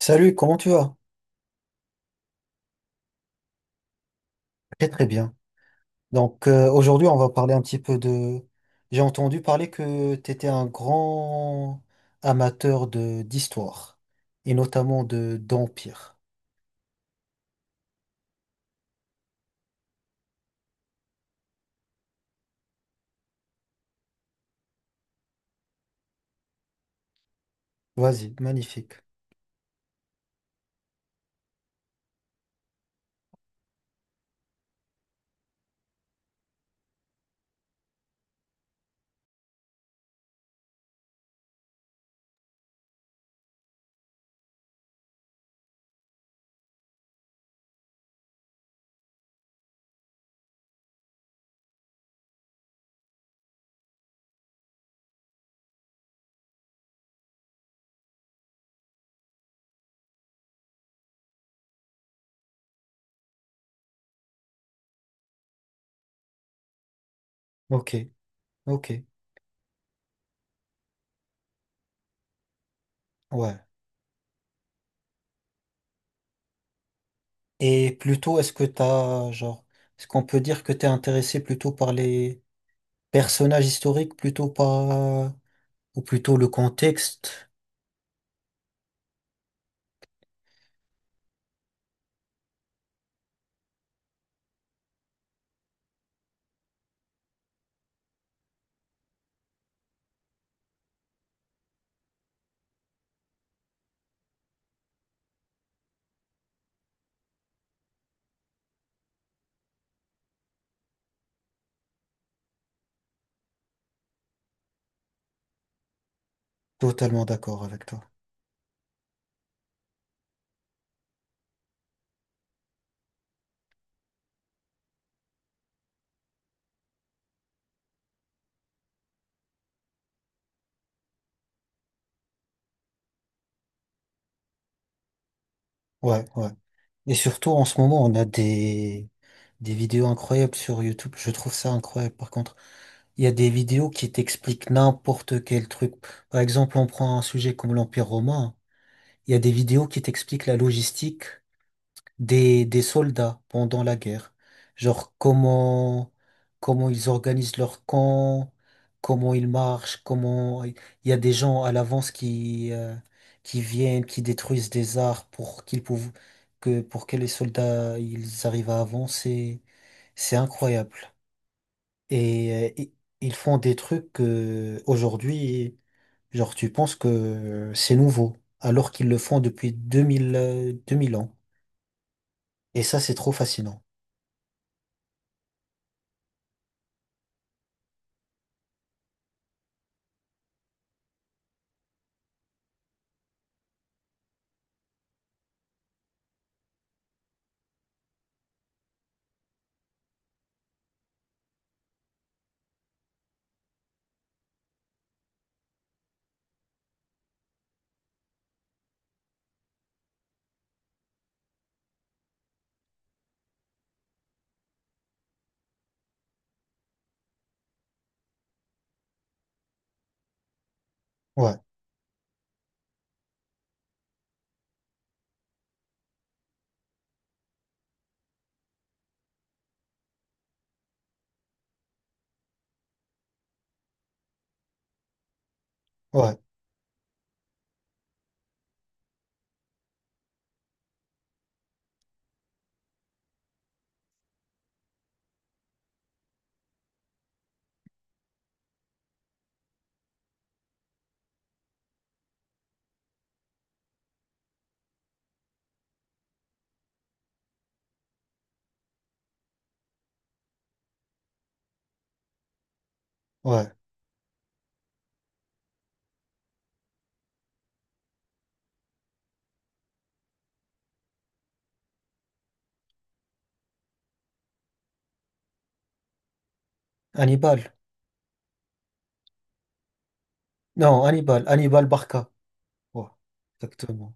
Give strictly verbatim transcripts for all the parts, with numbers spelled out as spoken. Salut, comment tu vas? Très très bien. Donc euh, aujourd'hui, on va parler un petit peu de... J'ai entendu parler que tu étais un grand amateur de d'histoire et notamment de d'empire. Vas-y, magnifique. Ok, ok, ouais. Et plutôt, est-ce que t'as genre, est-ce qu'on peut dire que t'es intéressé plutôt par les personnages historiques, plutôt par ou plutôt le contexte? Totalement d'accord avec toi. Ouais, ouais. Et surtout en ce moment, on a des Des vidéos incroyables sur YouTube. Je trouve ça incroyable. Par contre, il y a des vidéos qui t'expliquent n'importe quel truc. Par exemple, on prend un sujet comme l'Empire romain, hein. Il y a des vidéos qui t'expliquent la logistique des, des soldats pendant la guerre. Genre comment, comment ils organisent leur camp, comment ils marchent, comment il y a des gens à l'avance qui, euh, qui viennent, qui détruisent des arbres pour qu'ils pouv- que, pour que les soldats ils arrivent à avancer. C'est incroyable. Et euh, i- ils font des trucs que aujourd'hui, genre tu penses que c'est nouveau, alors qu'ils le font depuis deux mille euh, deux mille ans. Et ça, c'est trop fascinant. Ouais, ouais, ouais. Hannibal. Non, Hannibal. Hannibal Barca. Ouais, exactement.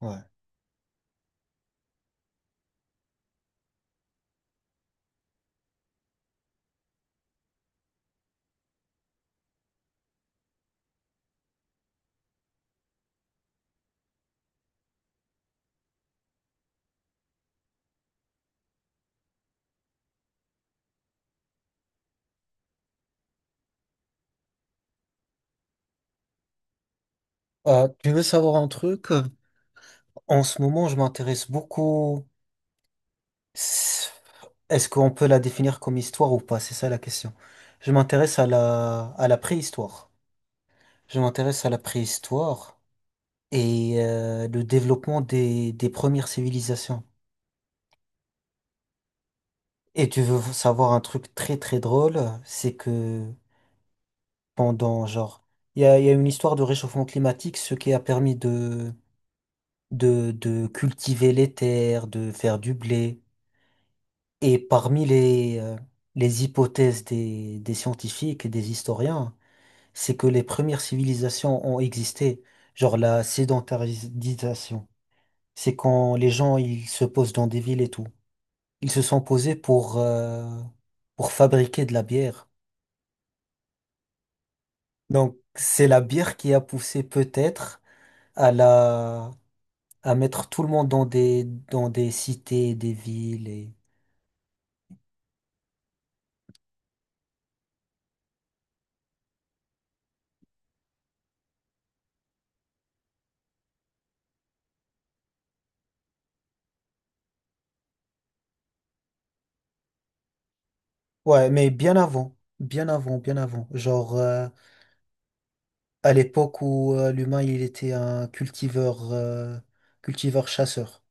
Ouais. Euh, tu veux savoir un truc? En ce moment, je m'intéresse beaucoup. Est-ce qu'on peut la définir comme histoire ou pas? C'est ça la question. Je m'intéresse à la, à la préhistoire. Je m'intéresse à la préhistoire et euh, le développement des, des premières civilisations. Et tu veux savoir un truc très très drôle, c'est que pendant, genre, il y a, il y a une histoire de réchauffement climatique, ce qui a permis de, de, de cultiver les terres, de faire du blé. Et parmi les, euh, les hypothèses des, des scientifiques et des historiens, c'est que les premières civilisations ont existé, genre la sédentarisation. C'est quand les gens, ils se posent dans des villes et tout. Ils se sont posés pour, euh, pour fabriquer de la bière. Donc, c'est la bière qui a poussé peut-être à la, à mettre tout le monde dans des, dans des cités, des villes et... Ouais, mais bien avant, bien avant, bien avant. Genre euh, à l'époque où euh, l'humain il était un cultiveur, euh, cultiveur chasseur.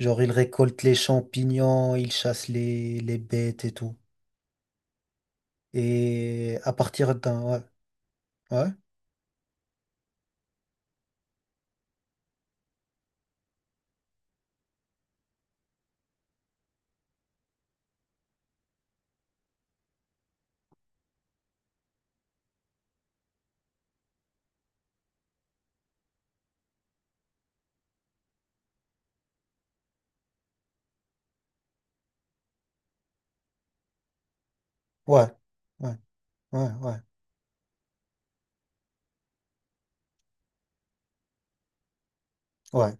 Genre il récolte les champignons, il chasse les, les bêtes et tout. Et à partir d'un, ouais, ouais, ouais, ouais, ouais, ouais, ouais.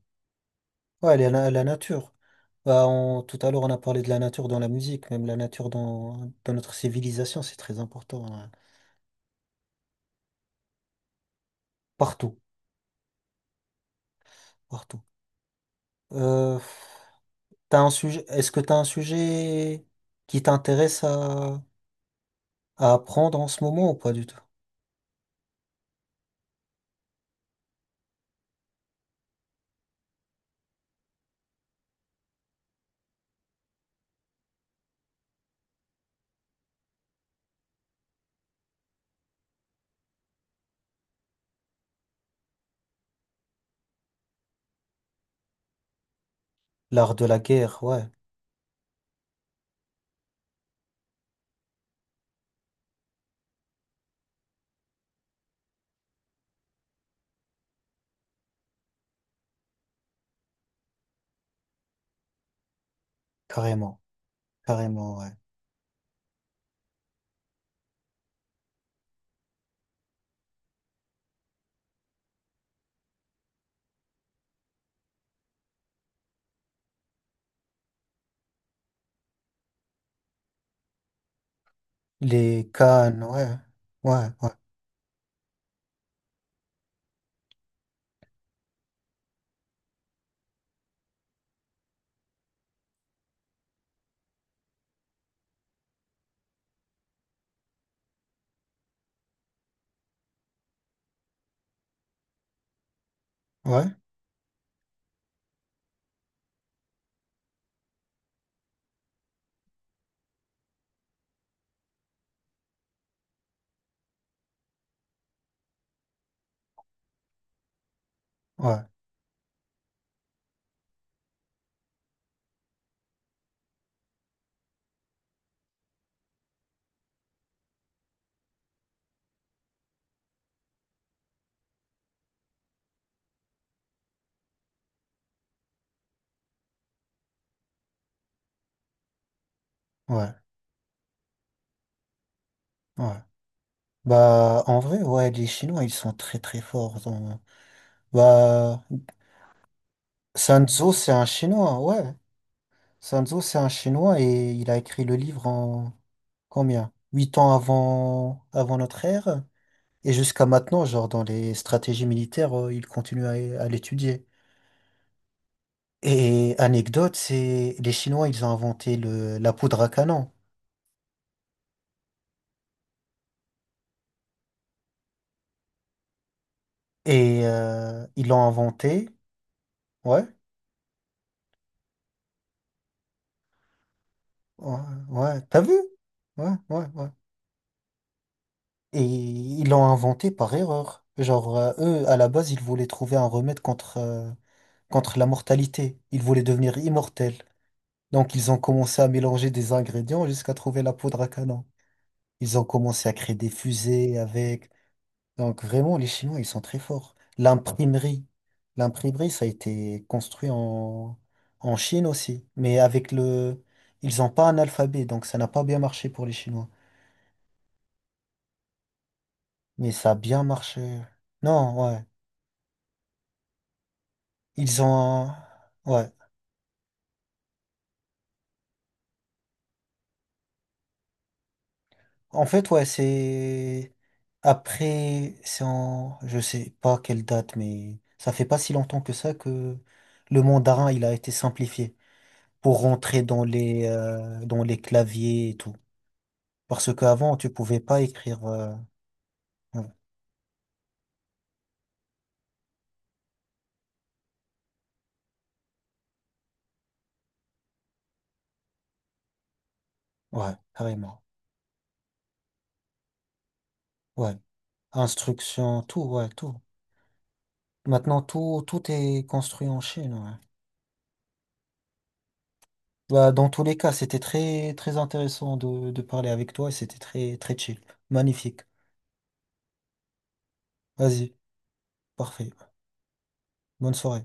Ouais, la, na- la nature. Bah, on- tout à l'heure, on a parlé de la nature dans la musique, même la nature dans, dans notre civilisation, c'est très important, hein. Partout, partout. Euh, T'as un sujet, est-ce que tu as un sujet qui t'intéresse à, à apprendre en ce moment ou pas du tout? L'art de la guerre, ouais, carrément, carrément, ouais. Les cannes, ouais, ouais, ouais, ouais, ouais, ouais, ouais. Bah, en vrai, ouais, les Chinois, ils sont très, très forts dans... Bah, Sun Tzu, c'est un Chinois, hein, ouais. Sun Tzu, c'est un Chinois et il a écrit le livre en combien? Huit ans avant, avant notre ère. Et jusqu'à maintenant, genre dans les stratégies militaires, euh, il continue à, à l'étudier. Et anecdote, c'est les Chinois, ils ont inventé le, la poudre à canon. Et euh, ils l'ont inventé, ouais, ouais, ouais, t'as vu? Ouais, ouais, ouais. Et ils l'ont inventé par erreur. Genre, euh, eux, à la base, ils voulaient trouver un remède contre... euh, contre la mortalité. Ils voulaient devenir immortels. Donc ils ont commencé à mélanger des ingrédients jusqu'à trouver la poudre à canon. Ils ont commencé à créer des fusées avec. Donc vraiment, les Chinois, ils sont très forts. L'imprimerie. L'imprimerie, ça a été construit en, en Chine aussi. Mais avec le... Ils n'ont pas un alphabet, donc ça n'a pas bien marché pour les Chinois. Mais ça a bien marché. Non, ouais. Ils ont... un- Ouais. En fait, ouais, c'est après, c'est en, je sais pas quelle date, mais ça fait pas si longtemps que ça que le mandarin il a été simplifié pour rentrer dans les euh, dans les claviers et tout. Parce qu'avant, tu pouvais pas écrire. Euh, ouais, ouais, carrément. Ouais, instruction, tout, ouais, tout. Maintenant, tout tout est construit en Chine. Ouais. Bah, dans tous les cas, c'était très très intéressant de de parler avec toi. Et c'était très très chill, magnifique. Vas-y, parfait. Bonne soirée.